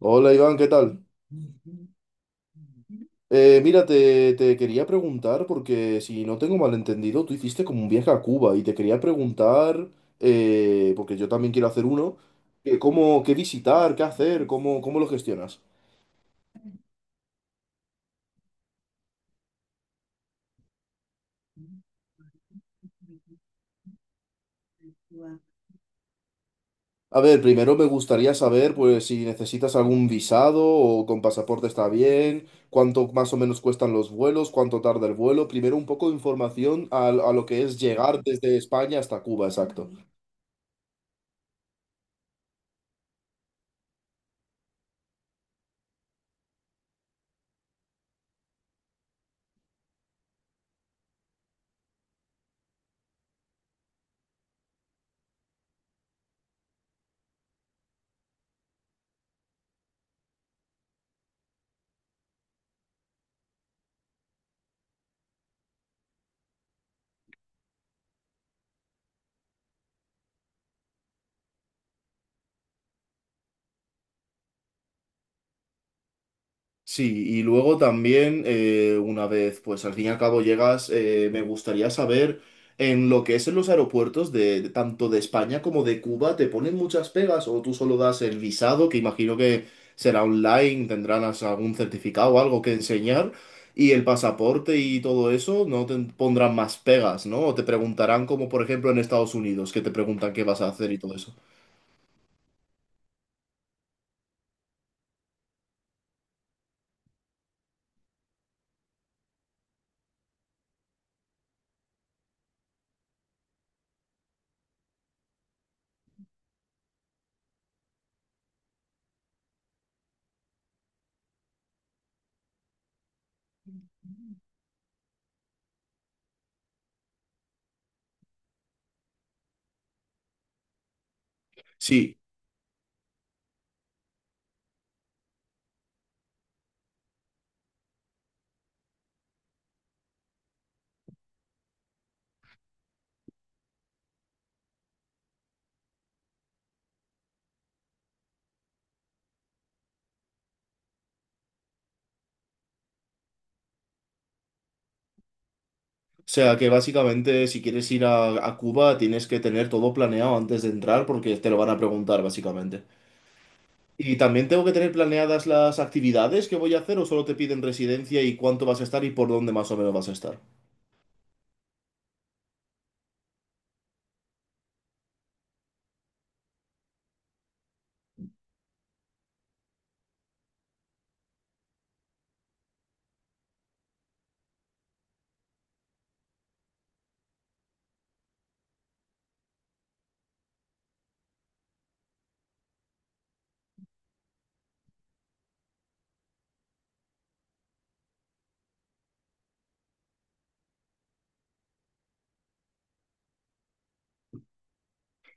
Hola Iván, ¿qué tal? Mira, te quería preguntar, porque si no tengo malentendido, tú hiciste como un viaje a Cuba y te quería preguntar, porque yo también quiero hacer uno, que cómo, qué visitar, qué hacer, cómo, cómo lo gestionas. A ver, primero me gustaría saber, pues, si necesitas algún visado o con pasaporte está bien, cuánto más o menos cuestan los vuelos, cuánto tarda el vuelo. Primero un poco de información a lo que es llegar desde España hasta Cuba, exacto. Sí, y luego también, una vez, pues al fin y al cabo llegas, me gustaría saber en lo que es en los aeropuertos de tanto de España como de Cuba, ¿te ponen muchas pegas o tú solo das el visado, que imagino que será online, tendrás algún certificado o algo que enseñar, y el pasaporte y todo eso, no te pondrán más pegas, ¿no? O te preguntarán como por ejemplo en Estados Unidos, que te preguntan qué vas a hacer y todo eso. Sí. O sea que básicamente si quieres ir a Cuba tienes que tener todo planeado antes de entrar porque te lo van a preguntar básicamente. ¿Y también tengo que tener planeadas las actividades que voy a hacer o solo te piden residencia y cuánto vas a estar y por dónde más o menos vas a estar?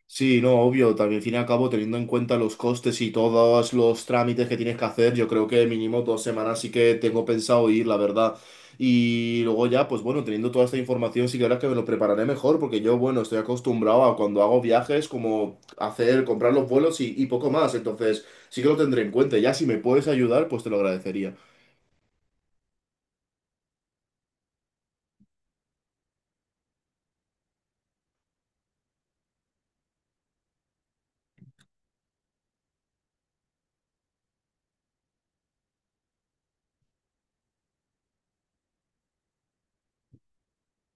Sí, no, obvio, también al fin y al cabo, teniendo en cuenta los costes y todos los trámites que tienes que hacer, yo creo que mínimo dos semanas sí que tengo pensado ir, la verdad. Y luego ya, pues bueno, teniendo toda esta información, sí que ahora que me lo prepararé mejor, porque yo, bueno, estoy acostumbrado a cuando hago viajes, como hacer, comprar los vuelos y poco más. Entonces, sí que lo tendré en cuenta. Ya si me puedes ayudar, pues te lo agradecería.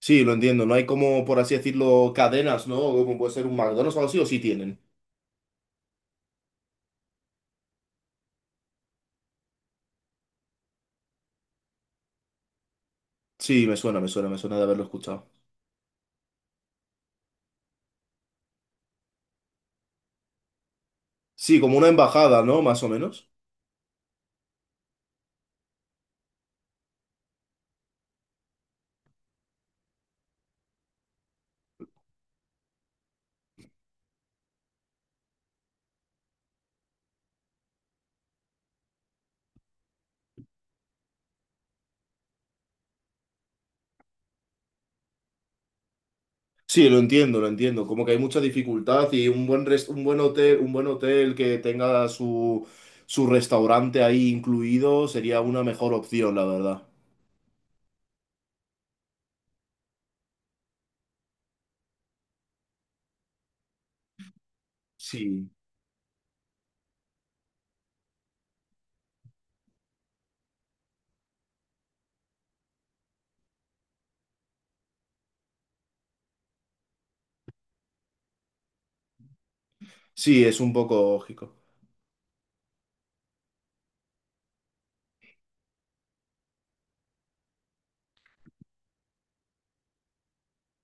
Sí, lo entiendo, no hay como, por así decirlo, cadenas, ¿no? Como puede ser un McDonald's o algo así, o sí tienen. Sí, me suena, me suena, me suena de haberlo escuchado. Sí, como una embajada, ¿no? Más o menos. Sí, lo entiendo, lo entiendo. Como que hay mucha dificultad y un buen un buen hotel que tenga su, su restaurante ahí incluido sería una mejor opción, la verdad. Sí, sí, es un poco lógico.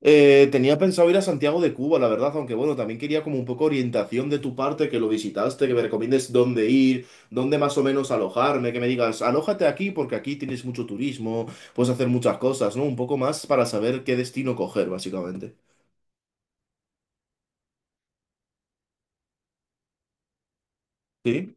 Tenía pensado ir a Santiago de Cuba, la verdad, aunque bueno, también quería como un poco orientación de tu parte, que lo visitaste, que me recomiendes dónde ir, dónde más o menos alojarme, que me digas, alójate aquí porque aquí tienes mucho turismo, puedes hacer muchas cosas, ¿no? Un poco más para saber qué destino coger, básicamente. ¿Sí?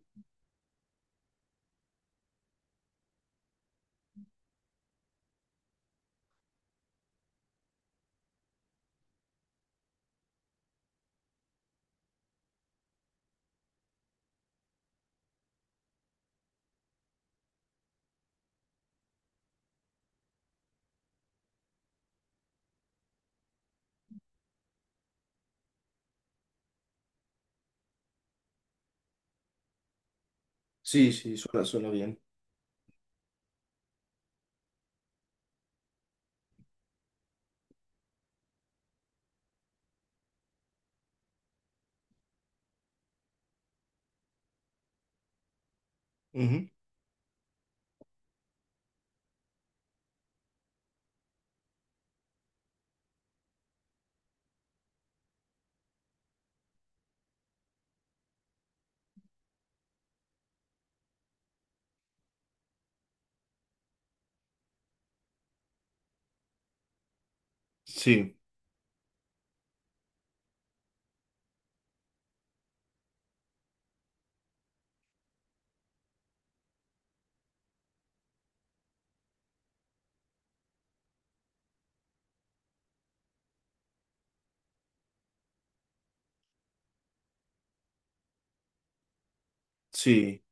Sí, sí, suena, suena bien. Ujú. Sí, sí.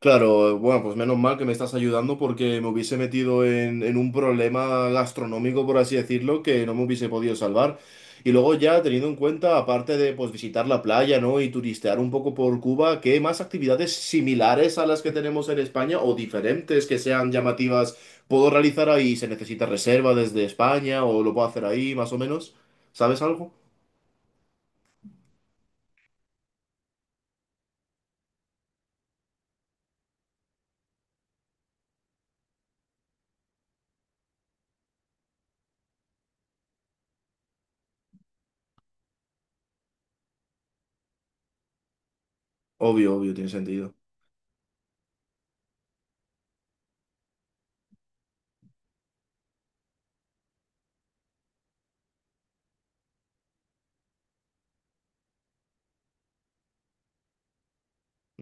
Claro, bueno, pues menos mal que me estás ayudando porque me hubiese metido en un problema gastronómico, por así decirlo, que no me hubiese podido salvar. Y luego ya teniendo en cuenta, aparte de pues visitar la playa, ¿no? Y turistear un poco por Cuba, ¿qué más actividades similares a las que tenemos en España o diferentes que sean llamativas puedo realizar ahí? ¿Se necesita reserva desde España o lo puedo hacer ahí, más o menos? ¿Sabes algo? Obvio, obvio, tiene sentido.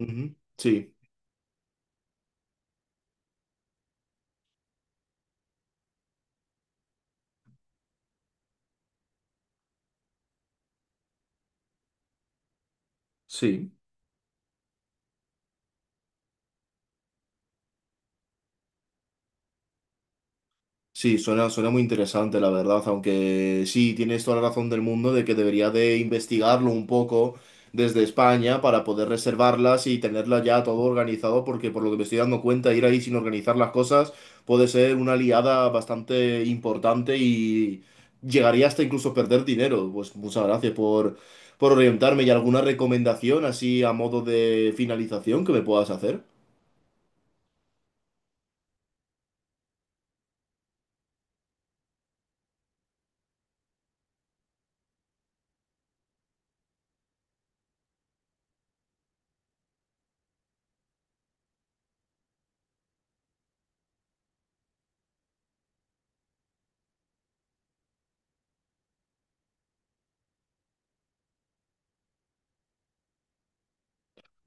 Ujú, sí, sí. Sí, suena, suena muy interesante, la verdad, aunque sí, tienes toda la razón del mundo de que debería de investigarlo un poco desde España para poder reservarlas y tenerla ya todo organizado, porque por lo que me estoy dando cuenta, ir ahí sin organizar las cosas puede ser una liada bastante importante y llegaría hasta incluso perder dinero. Pues muchas gracias por orientarme y alguna recomendación así a modo de finalización que me puedas hacer.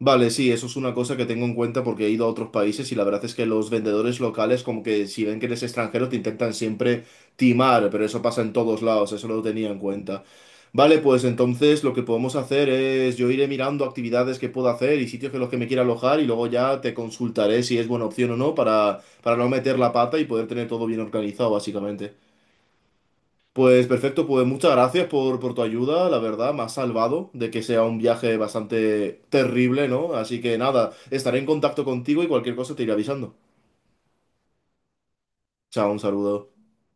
Vale, sí, eso es una cosa que tengo en cuenta porque he ido a otros países y la verdad es que los vendedores locales como que si ven que eres extranjero te intentan siempre timar, pero eso pasa en todos lados, eso lo tenía en cuenta. Vale, pues entonces lo que podemos hacer es yo iré mirando actividades que puedo hacer y sitios en los que me quiera alojar y luego ya te consultaré si es buena opción o no para, para no meter la pata y poder tener todo bien organizado, básicamente. Pues perfecto, pues muchas gracias por tu ayuda, la verdad, me has salvado de que sea un viaje bastante terrible, ¿no? Así que nada, estaré en contacto contigo y cualquier cosa te iré avisando. Chao, un saludo.